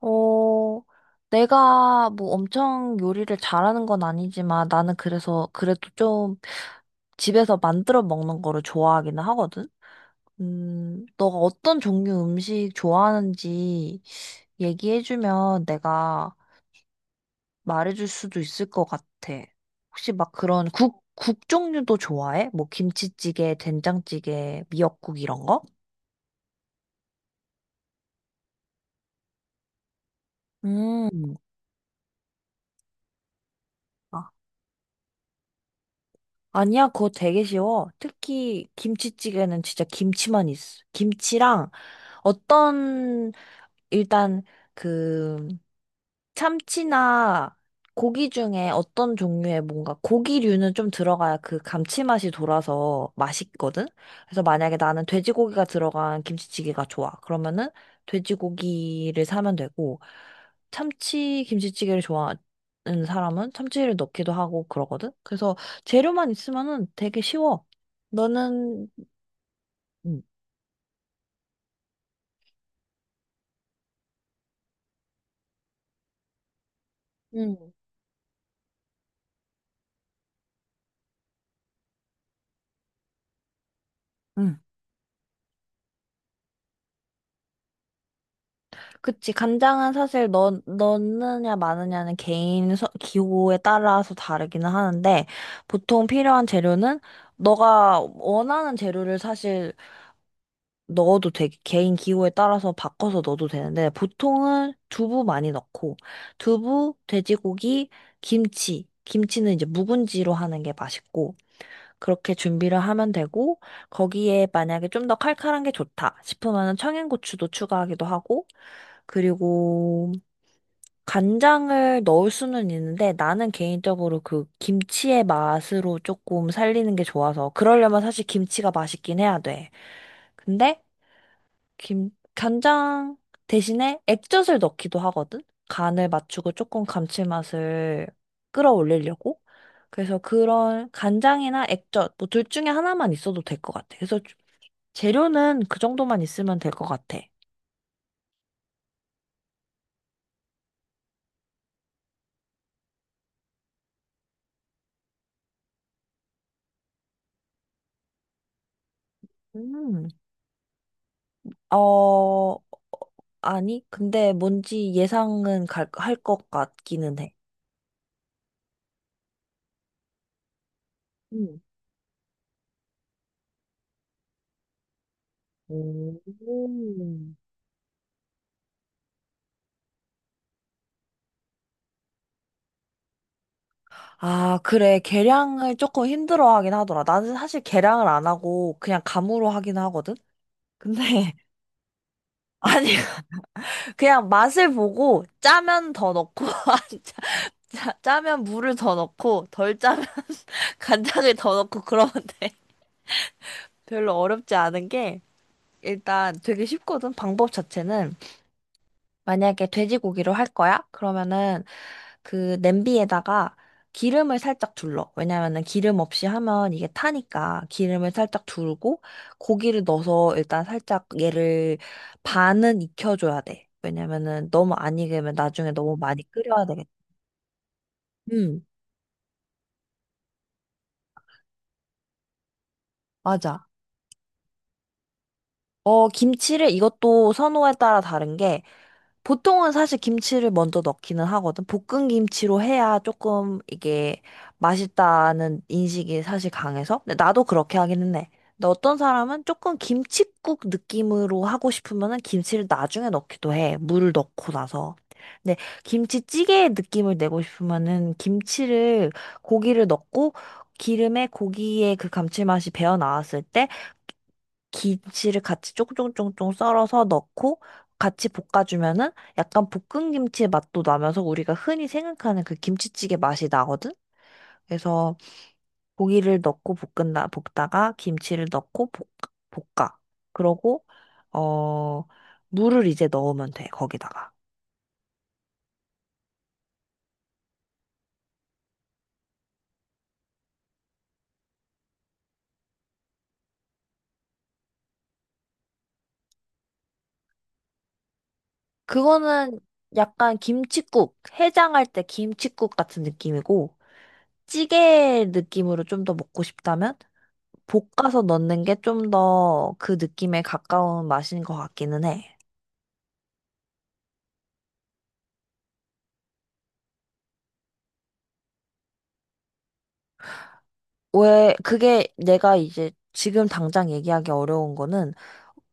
어, 내가 뭐 엄청 요리를 잘하는 건 아니지만 나는 그래서 그래도 좀 집에서 만들어 먹는 거를 좋아하기는 하거든? 너가 어떤 종류 음식 좋아하는지 얘기해주면 내가 말해줄 수도 있을 것 같아. 혹시 막 그런 국 종류도 좋아해? 뭐 김치찌개, 된장찌개, 미역국 이런 거? 음. 아니야, 그거 되게 쉬워. 특히 김치찌개는 진짜 김치만 있어. 김치랑 어떤 일단 그 참치나 고기 중에 어떤 종류의 뭔가 고기류는 좀 들어가야 그 감칠맛이 돌아서 맛있거든? 그래서 만약에 나는 돼지고기가 들어간 김치찌개가 좋아. 그러면은 돼지고기를 사면 되고, 참치 김치찌개를 좋아하는 사람은 참치를 넣기도 하고 그러거든? 그래서 재료만 있으면은 되게 쉬워. 너는, 응, 응 그치, 간장은 사실 넣느냐 마느냐는 개인 기호에 따라서 다르기는 하는데, 보통 필요한 재료는 너가 원하는 재료를 사실 넣어도 되, 개인 기호에 따라서 바꿔서 넣어도 되는데, 보통은 두부 많이 넣고, 두부, 돼지고기, 김치. 김치는 이제 묵은지로 하는 게 맛있고, 그렇게 준비를 하면 되고, 거기에 만약에 좀 더 칼칼한 게 좋다 싶으면 청양고추도 추가하기도 하고, 그리고 간장을 넣을 수는 있는데 나는 개인적으로 그 김치의 맛으로 조금 살리는 게 좋아서 그러려면 사실 김치가 맛있긴 해야 돼. 근데 김 간장 대신에 액젓을 넣기도 하거든. 간을 맞추고 조금 감칠맛을 끌어올리려고. 그래서 그런 간장이나 액젓 뭐 둘 중에 하나만 있어도 될 것 같아. 그래서 재료는 그 정도만 있으면 될 것 같아. 음. 어, 아니, 근데 뭔지 예상은 할 것 같기는 해. 응. 음. 아, 그래. 계량을 조금 힘들어 하긴 하더라. 나는 사실 계량을 안 하고 그냥 감으로 하긴 하거든? 근데, 아니, 그냥 맛을 보고 짜면 더 넣고, 짜, 짜면 물을 더 넣고, 덜 짜면 간장을 더 넣고 그러면 돼. 별로 어렵지 않은 게, 일단 되게 쉽거든, 방법 자체는. 만약에 돼지고기로 할 거야? 그러면은 그 냄비에다가 기름을 살짝 둘러. 왜냐면은 기름 없이 하면 이게 타니까 기름을 살짝 두르고 고기를 넣어서 일단 살짝 얘를 반은 익혀줘야 돼. 왜냐면은 너무 안 익으면 나중에 너무 많이 끓여야 되겠다. 음, 맞아. 어, 김치를 이것도 선호에 따라 다른 게 보통은 사실 김치를 먼저 넣기는 하거든. 볶은 김치로 해야 조금 이게 맛있다는 인식이 사실 강해서. 근데 나도 그렇게 하기는 해. 근데 어떤 사람은 조금 김칫국 느낌으로 하고 싶으면은 김치를 나중에 넣기도 해. 물을 넣고 나서. 근데 김치찌개의 느낌을 내고 싶으면은 김치를 고기를 넣고 기름에 고기의 그 감칠맛이 배어 나왔을 때 김치를 같이 쫑쫑쫑쫑 썰어서 넣고 같이 볶아주면은 약간 볶은 김치의 맛도 나면서 우리가 흔히 생각하는 그 김치찌개 맛이 나거든? 그래서 고기를 넣고 볶은다, 볶다가 김치를 넣고 볶아. 그러고, 어, 물을 이제 넣으면 돼, 거기다가. 그거는 약간 김칫국, 해장할 때 김칫국 같은 느낌이고, 찌개 느낌으로 좀 더 먹고 싶다면, 볶아서 넣는 게 좀 더 그 느낌에 가까운 맛인 것 같기는 해. 왜, 그게 내가 이제 지금 당장 얘기하기 어려운 거는,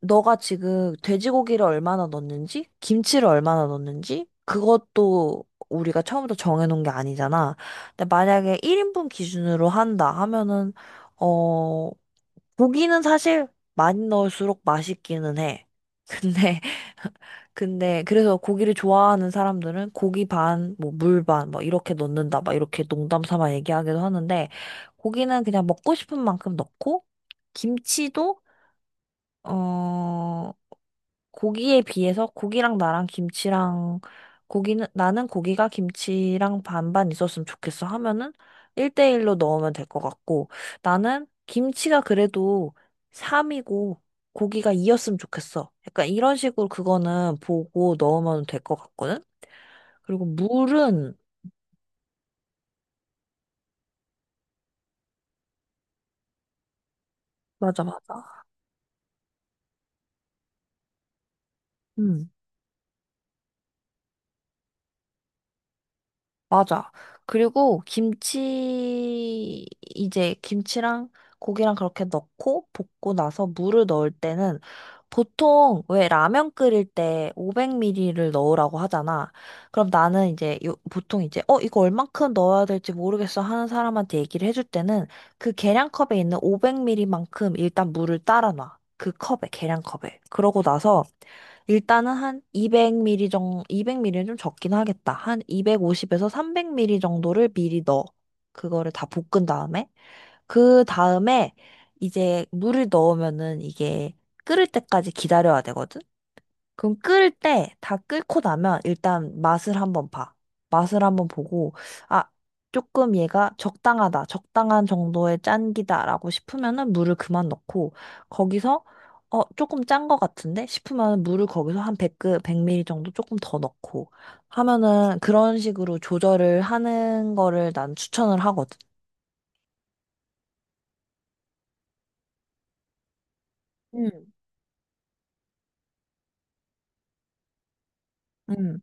너가 지금 돼지고기를 얼마나 넣는지, 김치를 얼마나 넣는지, 그것도 우리가 처음부터 정해놓은 게 아니잖아. 근데 만약에 1인분 기준으로 한다 하면은, 어, 고기는 사실 많이 넣을수록 맛있기는 해. 근데 근데 그래서 고기를 좋아하는 사람들은 고기 반, 뭐 물 반, 뭐 이렇게 넣는다, 막 이렇게 농담 삼아 얘기하기도 하는데 고기는 그냥 먹고 싶은 만큼 넣고 김치도 어 고기에 비해서 고기랑 나랑 김치랑 고기는 나는 고기가 김치랑 반반 있었으면 좋겠어 하면은 1대1로 넣으면 될 것 같고 나는 김치가 그래도 3이고 고기가 2였으면 좋겠어. 약간 이런 식으로 그거는 보고 넣으면 될 것 같거든. 그리고 물은 맞아 맞아. 맞아. 그리고 김치, 이제 김치랑 고기랑 그렇게 넣고 볶고 나서 물을 넣을 때는 보통 왜 라면 끓일 때 500ml를 넣으라고 하잖아. 그럼 나는 이제 요, 보통 이제 어, 이거 얼만큼 넣어야 될지 모르겠어 하는 사람한테 얘기를 해줄 때는 그 계량컵에 있는 500ml만큼 일단 물을 따라 놔. 그 컵에, 계량컵에. 그러고 나서 일단은 한 200ml 정도, 200ml는 좀 적긴 하겠다. 한 250에서 300ml 정도를 미리 넣어. 그거를 다 볶은 다음에. 그 다음에 이제 물을 넣으면은 이게 끓을 때까지 기다려야 되거든? 그럼 끓을 때 다 끓고 나면 일단 맛을 한번 봐. 맛을 한번 보고, 아, 조금 얘가 적당하다. 적당한 정도의 짠기다라고 싶으면은 물을 그만 넣고, 거기서, 어, 조금 짠 것 같은데? 싶으면 물을 거기서 한 100, 1리 ml 정도 조금 더 넣고 하면은 그런 식으로 조절을 하는 거를 난 추천을 하거든. 음, 음.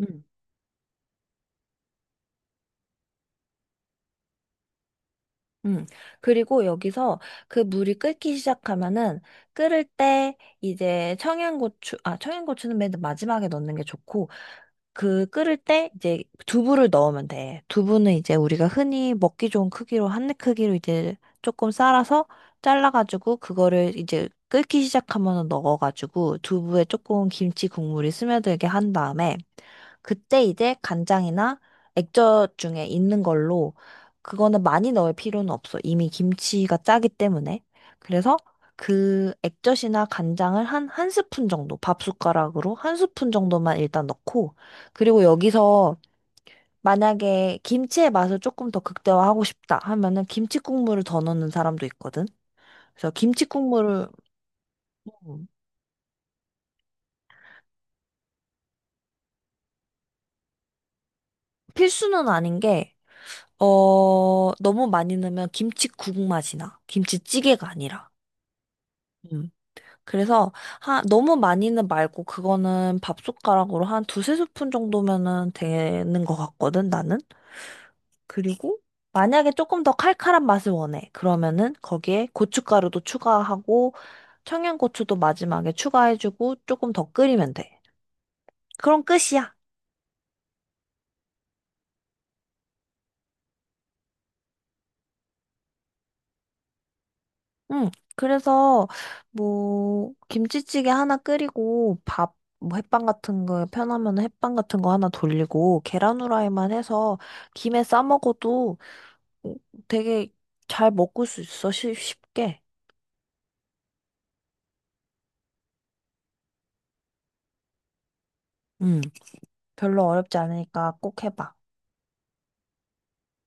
음. 음. 그리고 여기서 그 물이 끓기 시작하면은 끓을 때 이제 청양고추, 아, 청양고추는 맨 마지막에 넣는 게 좋고 그 끓을 때 이제 두부를 넣으면 돼. 두부는 이제 우리가 흔히 먹기 좋은 크기로 한입 크기로 이제 조금 썰어서 잘라가지고 그거를 이제 끓기 시작하면 넣어가지고 두부에 조금 김치 국물이 스며들게 한 다음에 그때 이제 간장이나 액젓 중에 있는 걸로 그거는 많이 넣을 필요는 없어. 이미 김치가 짜기 때문에. 그래서 그 액젓이나 간장을 한 한 스푼 정도, 밥 숟가락으로 한 스푼 정도만 일단 넣고 그리고 여기서 만약에 김치의 맛을 조금 더 극대화하고 싶다 하면은 김치 국물을 더 넣는 사람도 있거든. 그래서 김치 국물을 음, 필수는 아닌 게, 어, 너무 많이 넣으면 김치국 맛이 나. 김치찌개가 아니라. 음. 그래서 하, 너무 많이는 말고 그거는 밥숟가락으로 한 두세 스푼 정도면은 되는 것 같거든, 나는. 그리고 만약에 조금 더 칼칼한 맛을 원해. 그러면은 거기에 고춧가루도 추가하고 청양고추도 마지막에 추가해주고 조금 더 끓이면 돼. 그럼 끝이야. 응. 그래서 뭐 김치찌개 하나 끓이고 밥 뭐 햇반 같은 거 편하면 햇반 같은 거 하나 돌리고 계란 후라이만 해서 김에 싸 먹어도 되게 잘 먹을 수 있어. 쉽게. 응. 별로 어렵지 않으니까 꼭 해봐.